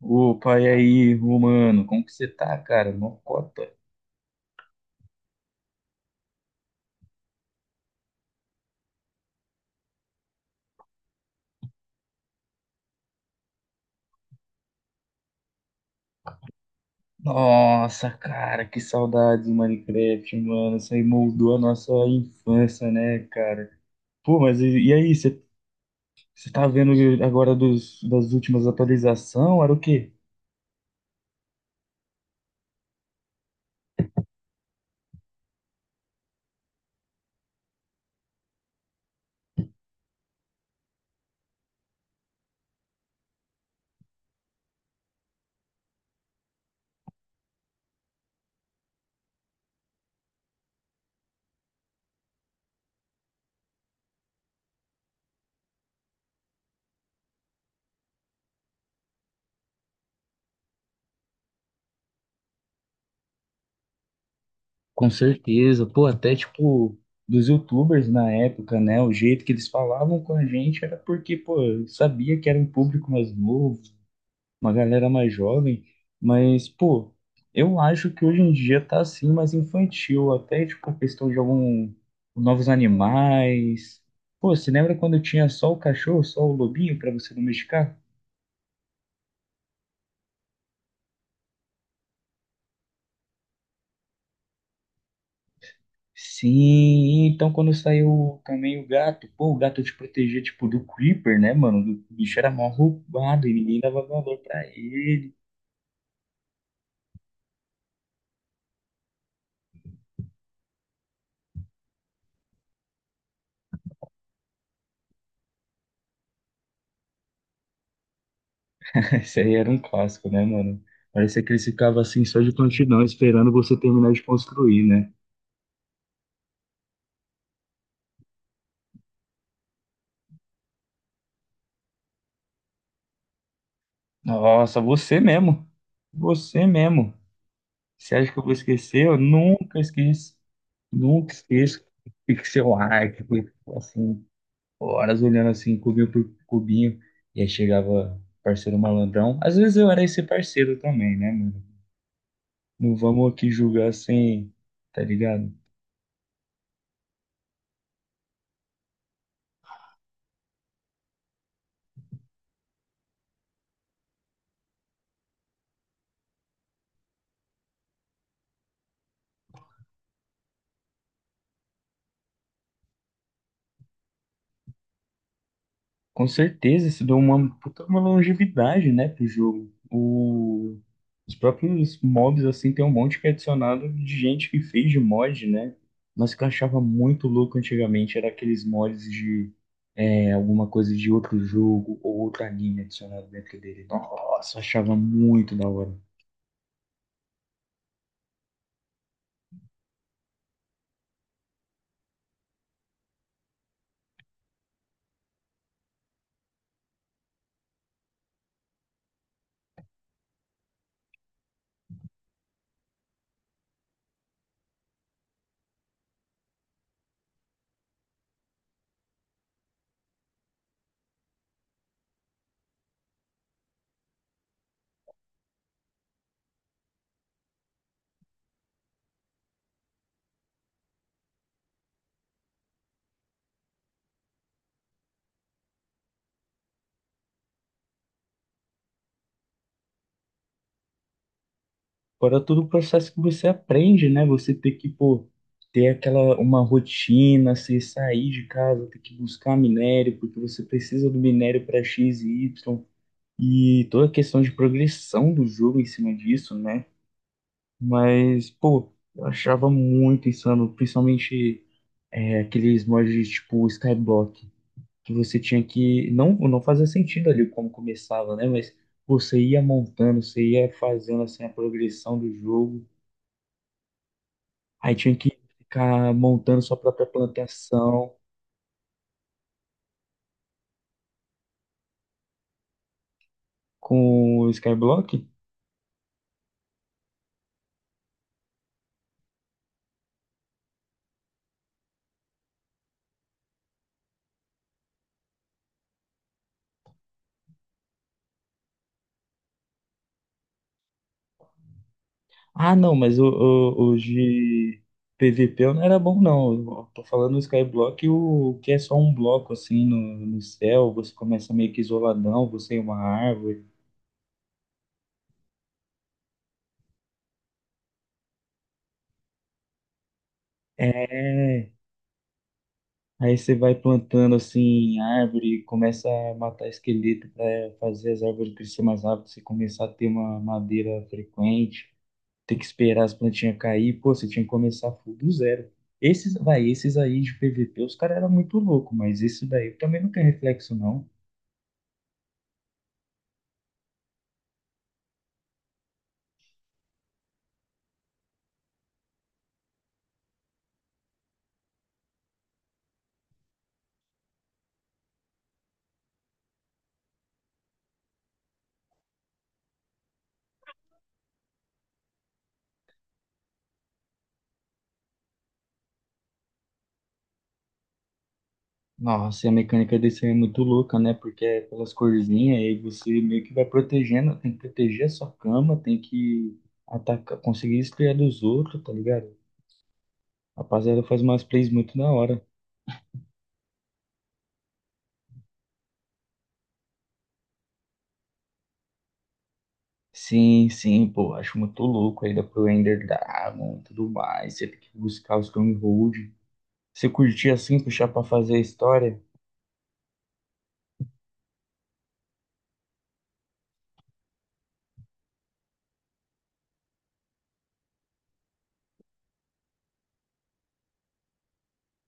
Opa, e aí, Romano? Como que você tá, cara? Mocota. Nossa, cara, que saudade do Minecraft, mano. Isso aí moldou a nossa infância, né, cara? Pô, mas e aí, você tá vendo agora dos, das últimas atualizações? Era o quê? Com certeza. Pô, até tipo, dos YouTubers na época, né? O jeito que eles falavam com a gente era porque, pô, sabia que era um público mais novo, uma galera mais jovem, mas, pô, eu acho que hoje em dia tá assim mais infantil, até tipo questão de algum novos animais. Pô, você lembra quando tinha só o cachorro, só o lobinho pra você domesticar? Sim, então quando saiu também o gato, pô, o gato te protegia tipo do Creeper, né, mano? O bicho era mal roubado e ninguém dava valor pra ele. Isso aí era um clássico, né, mano? Parecia que eles ficavam assim só de prontidão, esperando você terminar de construir, né? Nossa, você mesmo. Você mesmo. Você acha que eu vou esquecer? Eu nunca esqueço. Nunca esqueço. Pixel art, foi, assim, horas olhando assim, cubinho por cubinho. E aí chegava parceiro malandrão. Às vezes eu era esse parceiro também, né, mano? Não vamos aqui julgar assim, tá ligado? Com certeza, isso deu uma puta uma longevidade, né, pro jogo. O- os próprios mobs, assim, tem um monte que é adicionado de gente que fez de mod, né? Mas o que eu achava muito louco antigamente era aqueles mods de alguma coisa de outro jogo ou outro anime adicionado dentro dele. Nossa, eu achava muito da hora. Fora todo o processo que você aprende, né? Você ter que, pô, ter aquela uma rotina, você sair de casa, ter que buscar minério, porque você precisa do minério para X e Y, e toda a questão de progressão do jogo em cima disso, né? Mas, pô, eu achava muito insano, principalmente aqueles mods tipo Skyblock, que você tinha que. Não, não fazia sentido ali como começava, né? Mas pô, você ia montando, você ia fazendo assim a progressão do jogo. Aí tinha que ficar montando sua própria plantação com o Skyblock. Ah, não, mas o de PVP eu não era bom, não. Eu tô falando o Skyblock, o que é só um bloco assim no, no céu, você começa meio que isoladão, você é uma árvore. É. Aí você vai plantando assim árvore, começa a matar esqueleto para fazer as árvores crescer mais rápido, você começar a ter uma madeira frequente. Ter que esperar as plantinhas cair, pô, você tinha que começar full do zero. Esses, vai, esses aí de PVP, os caras eram muito loucos, mas esse daí também não tem reflexo, não. Nossa, e a mecânica desse aí é muito louca, né? Porque é pelas corzinhas, aí você meio que vai protegendo, tem que proteger a sua cama, tem que atacar, conseguir esfriar dos outros, tá ligado? Rapaziada, faz umas plays muito da hora. Sim, sim, pô, acho muito louco ainda pro Ender Dragon e tudo mais. Você tem que buscar os stronghold, Você curtir assim, puxar pra fazer a história?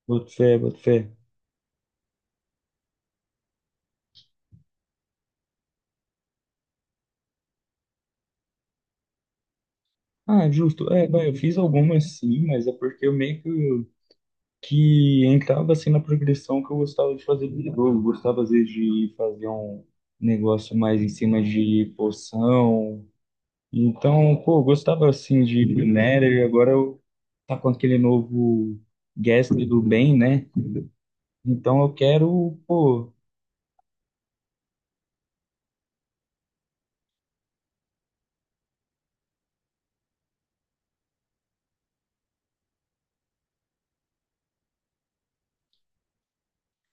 Boto fé, boto fé. Ah, justo. É, vai, eu fiz algumas sim, mas é porque eu meio que entrava assim na progressão que eu gostava de fazer do jogo. Eu gostava às vezes de fazer um negócio mais em cima de poção. Então, pô, eu gostava assim de Nether e agora eu tá com aquele novo guest do bem, né? Então eu quero, pô,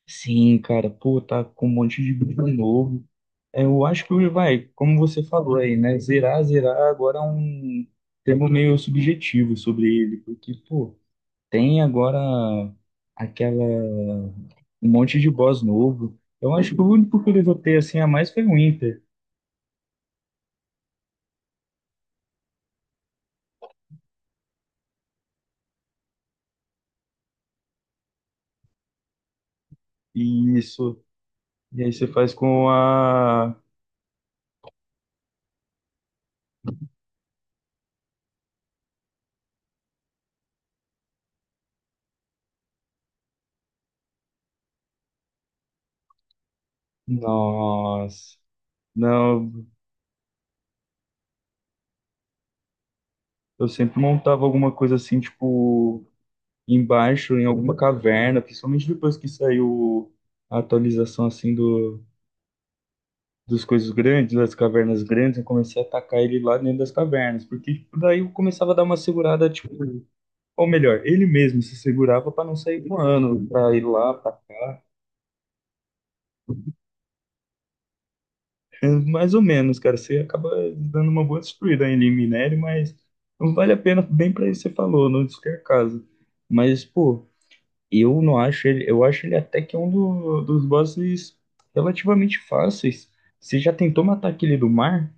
sim, cara, pô, tá com um monte de bicho novo. Eu acho que vai, como você falou aí, né? Zerar, zerar agora é um termo meio subjetivo sobre ele, porque, pô, tem agora aquela, um monte de boss novo. Eu acho que o único que eu levantei assim a mais foi o Inter. E isso. E aí você faz com a. Nossa. Não, eu sempre montava alguma coisa assim, tipo, embaixo, em alguma caverna, principalmente depois que saiu a atualização assim do. Dos coisas grandes, das cavernas grandes, eu comecei a atacar ele lá dentro das cavernas, porque tipo, daí eu começava a dar uma segurada, tipo, ou melhor, ele mesmo se segurava pra não sair voando, pra ir lá, pra cá, mais ou menos, cara, você acaba dando uma boa destruída ainda em minério, mas não vale a pena, bem pra isso que você falou, não qualquer caso, mas, pô, eu não acho ele, eu acho ele até que é um do- dos bosses relativamente fáceis, você já tentou matar aquele do mar?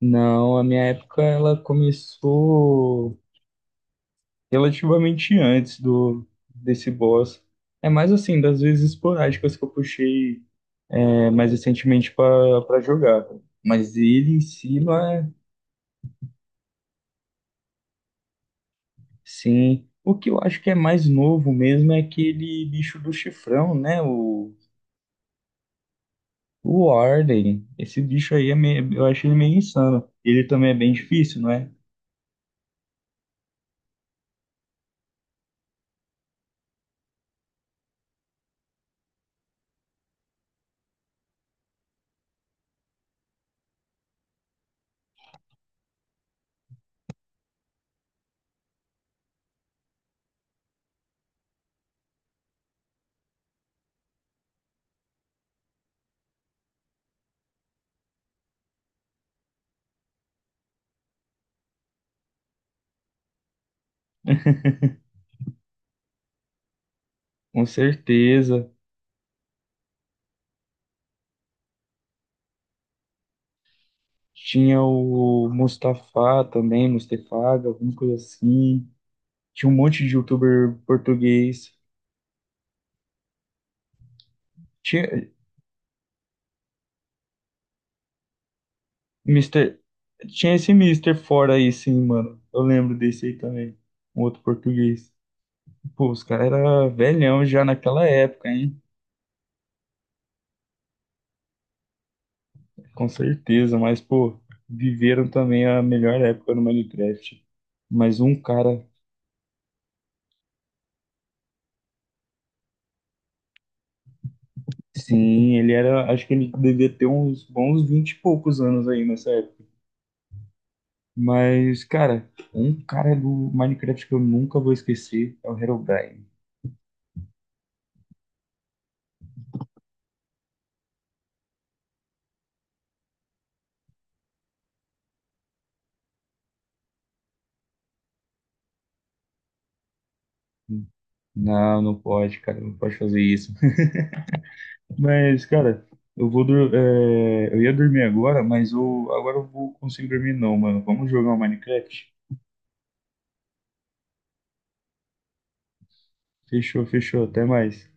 Não, a minha época ela começou relativamente antes do desse boss. É mais assim, das vezes esporádicas que eu puxei mais recentemente para jogar. Tá? Mas ele em si não é, sim. O que eu acho que é mais novo mesmo é aquele bicho do chifrão, né? O Warden. Esse bicho aí é meio, eu acho ele meio insano. Ele também é bem difícil, não é? Com certeza. Tinha o Mustafa também, Mustefaga, alguma coisa assim. Tinha um monte de youtuber português. Tinha, Mister, tinha esse Mister fora aí, sim, mano. Eu lembro desse aí também. Um outro português. Pô, os caras eram velhão já naquela época, hein? Com certeza, mas, pô, viveram também a melhor época no Minecraft. Mas um cara, sim, ele era. Acho que ele devia ter uns bons 20 e poucos anos aí nessa época. Mas, cara, um cara do Minecraft que eu nunca vou esquecer é o Herobrine. Não, não pode, cara, não pode fazer isso. Mas, cara, eu vou dur- eu ia dormir agora, mas eu agora eu vou conseguir dormir não, mano. Vamos jogar o Minecraft? Fechou, fechou, até mais.